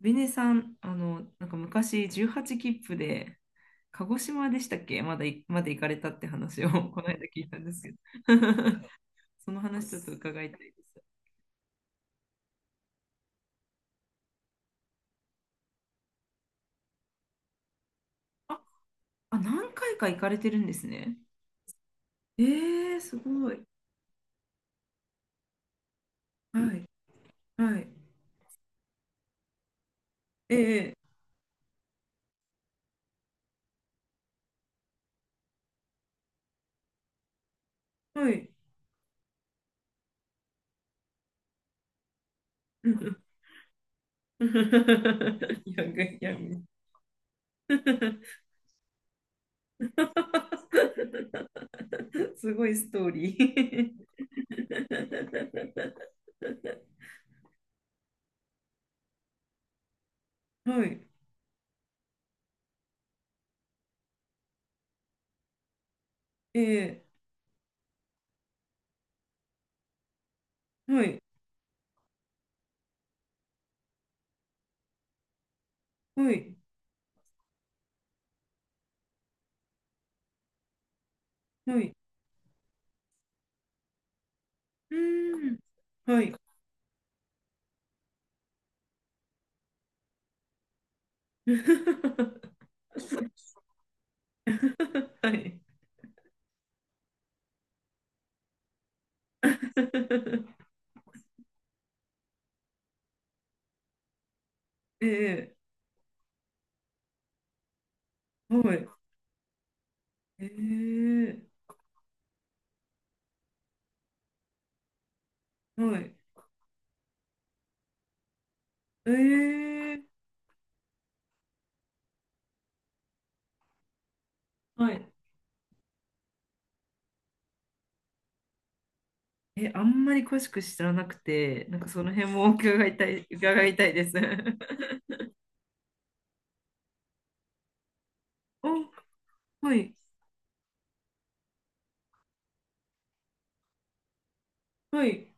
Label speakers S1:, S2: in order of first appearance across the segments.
S1: ベネさん、なんか昔18切符で、鹿児島でしたっけまだい、まで行かれたって話を この間聞いたんですけど。 その話ちょっと伺いたいです。あ、あ、何回か行かれてるんですね。えー、すごい。はい、はい。ええ、はい。うんうん やぐやぐ すごいストーリー。 はい。ええ、はい。はい、はい、うーん。はい。はい。ええ、はい。ええ、はい。ええ、はい。え、あんまり詳しく知らなくて、なんかその辺も伺いたいです。お、はい、はい、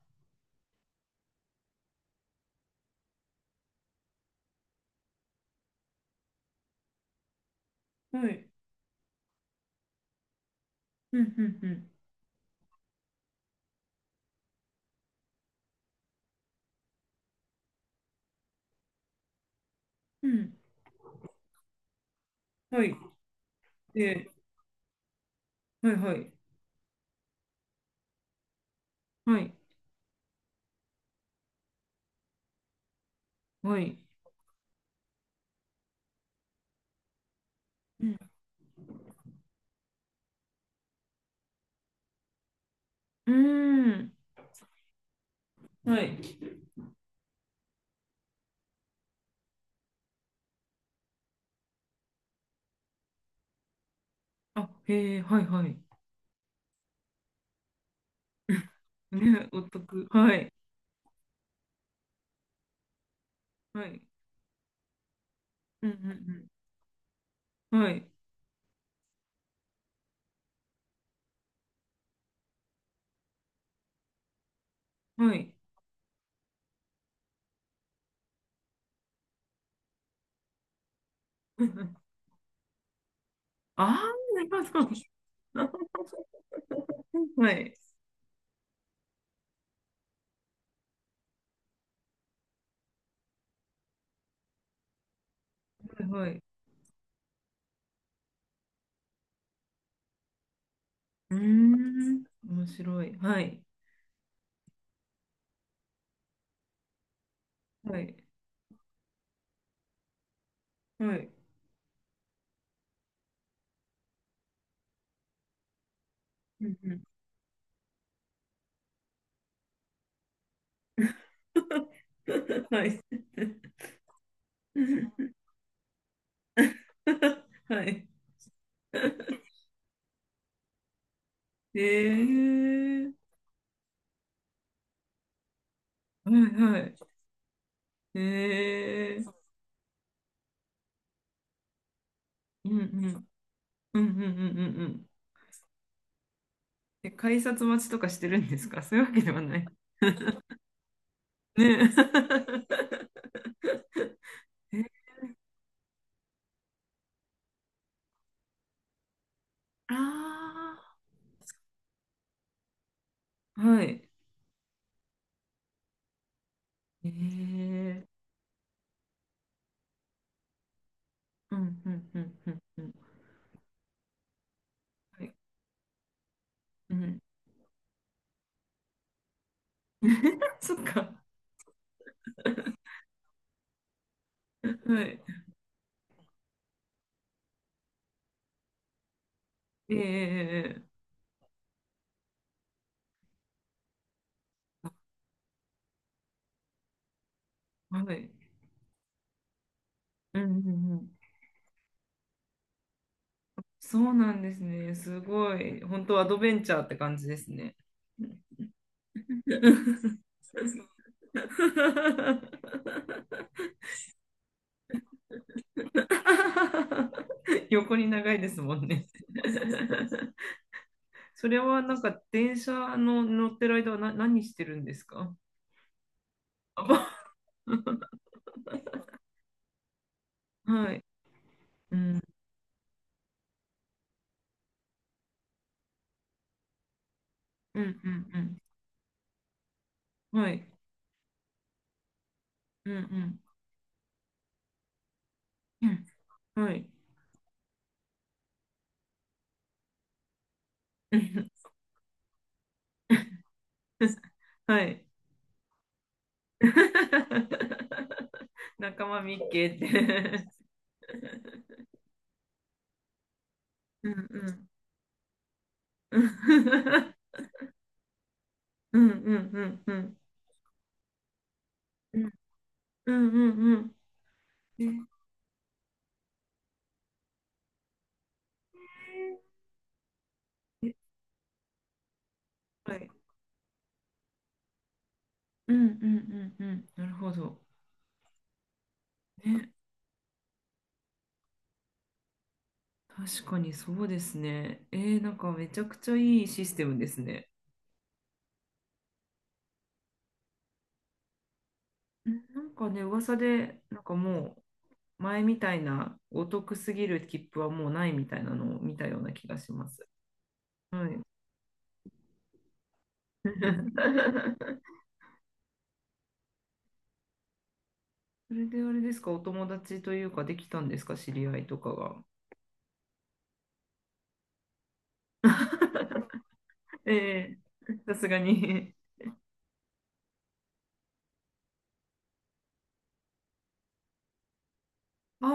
S1: はい。うん、うん、うん。うん。はい。えー、はい、はい、はい、はい。うん。うーん。はい。あ、へえ、はい、はい。ね、お得。はい。はい。うんうんうん。はい。はい。ああー、なるほど。はい。はい。うーん。面白い。はい。はい。はい。うんうん。はい。はい。えー。はいはい。えー。うんうん。うんうんうんうんうん。え、改札待ちとかしてるんですか？そういうわけではない。ね。え、ああ、はい。ええ、うん、うん、うん、うん、うん。はい、うん。そっか。はい。ええ、はい。うん、うん、うん。そうなんですね。すごい。本当アドベンチャーって感じですね。横に長いですもんね。それはなんか電車の乗ってる間は何してるんですか？あば はい。うん。うんうんうん。はい。うんうんうん。はい。うん はい。仲間みっけって。うんうん。うんうんうんうん。うんうんうんうん。ええ、はい。うんうんうんうん。なるほど。ね。確かにそうですね。えー、なんかめちゃくちゃいいシステムですね。ん、なんかね、噂で、なんかもう、前みたいなお得すぎる切符はもうないみたいなのを見たような気がします。はい。それであれですか、お友達というか、できたんですか、知り合いとかが。ええ、さすがに。あ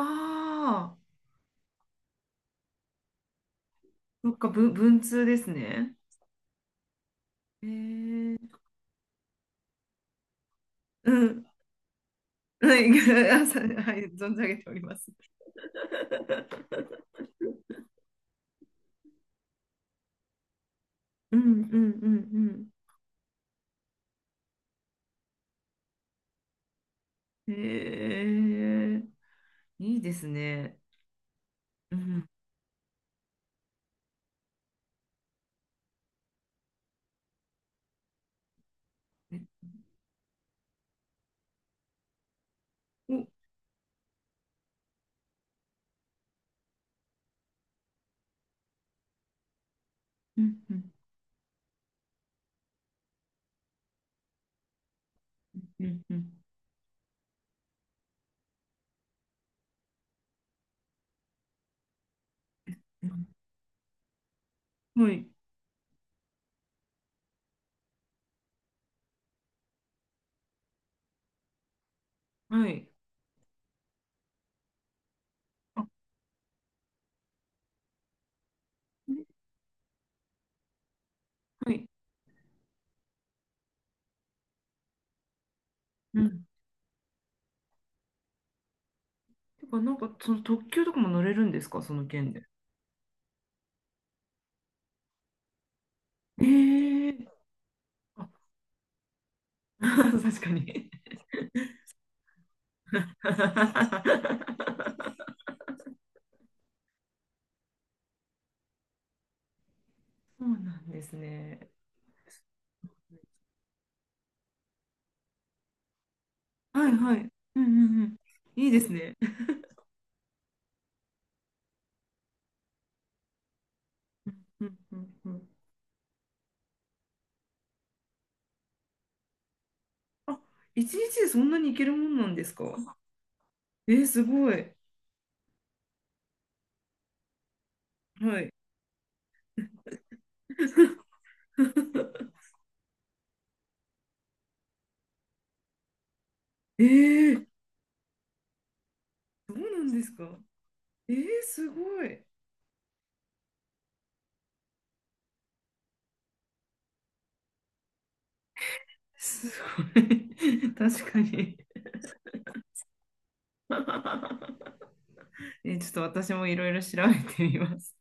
S1: あ、そっか、文通ですね。ええ、うん。はい、はい、存じ上げております。うんうんうんうん。ええ、いいですね。うん。お、うん。うん。うんうんうん、はい、はい、あねはい。うん、てか、なんか、その特急とかも乗れるんですか、その件で？ええ、あ、確かに。そうなんですね。はいはい。うんうんうん、いいですね。うんうんうんうん、あ、一日でそんなに行けるもんなんですか？えー、すごい。はい。えー、そうなんですか？えー、すごい。すごい。確かに。え、ちょっと私もいろいろ調べてみます。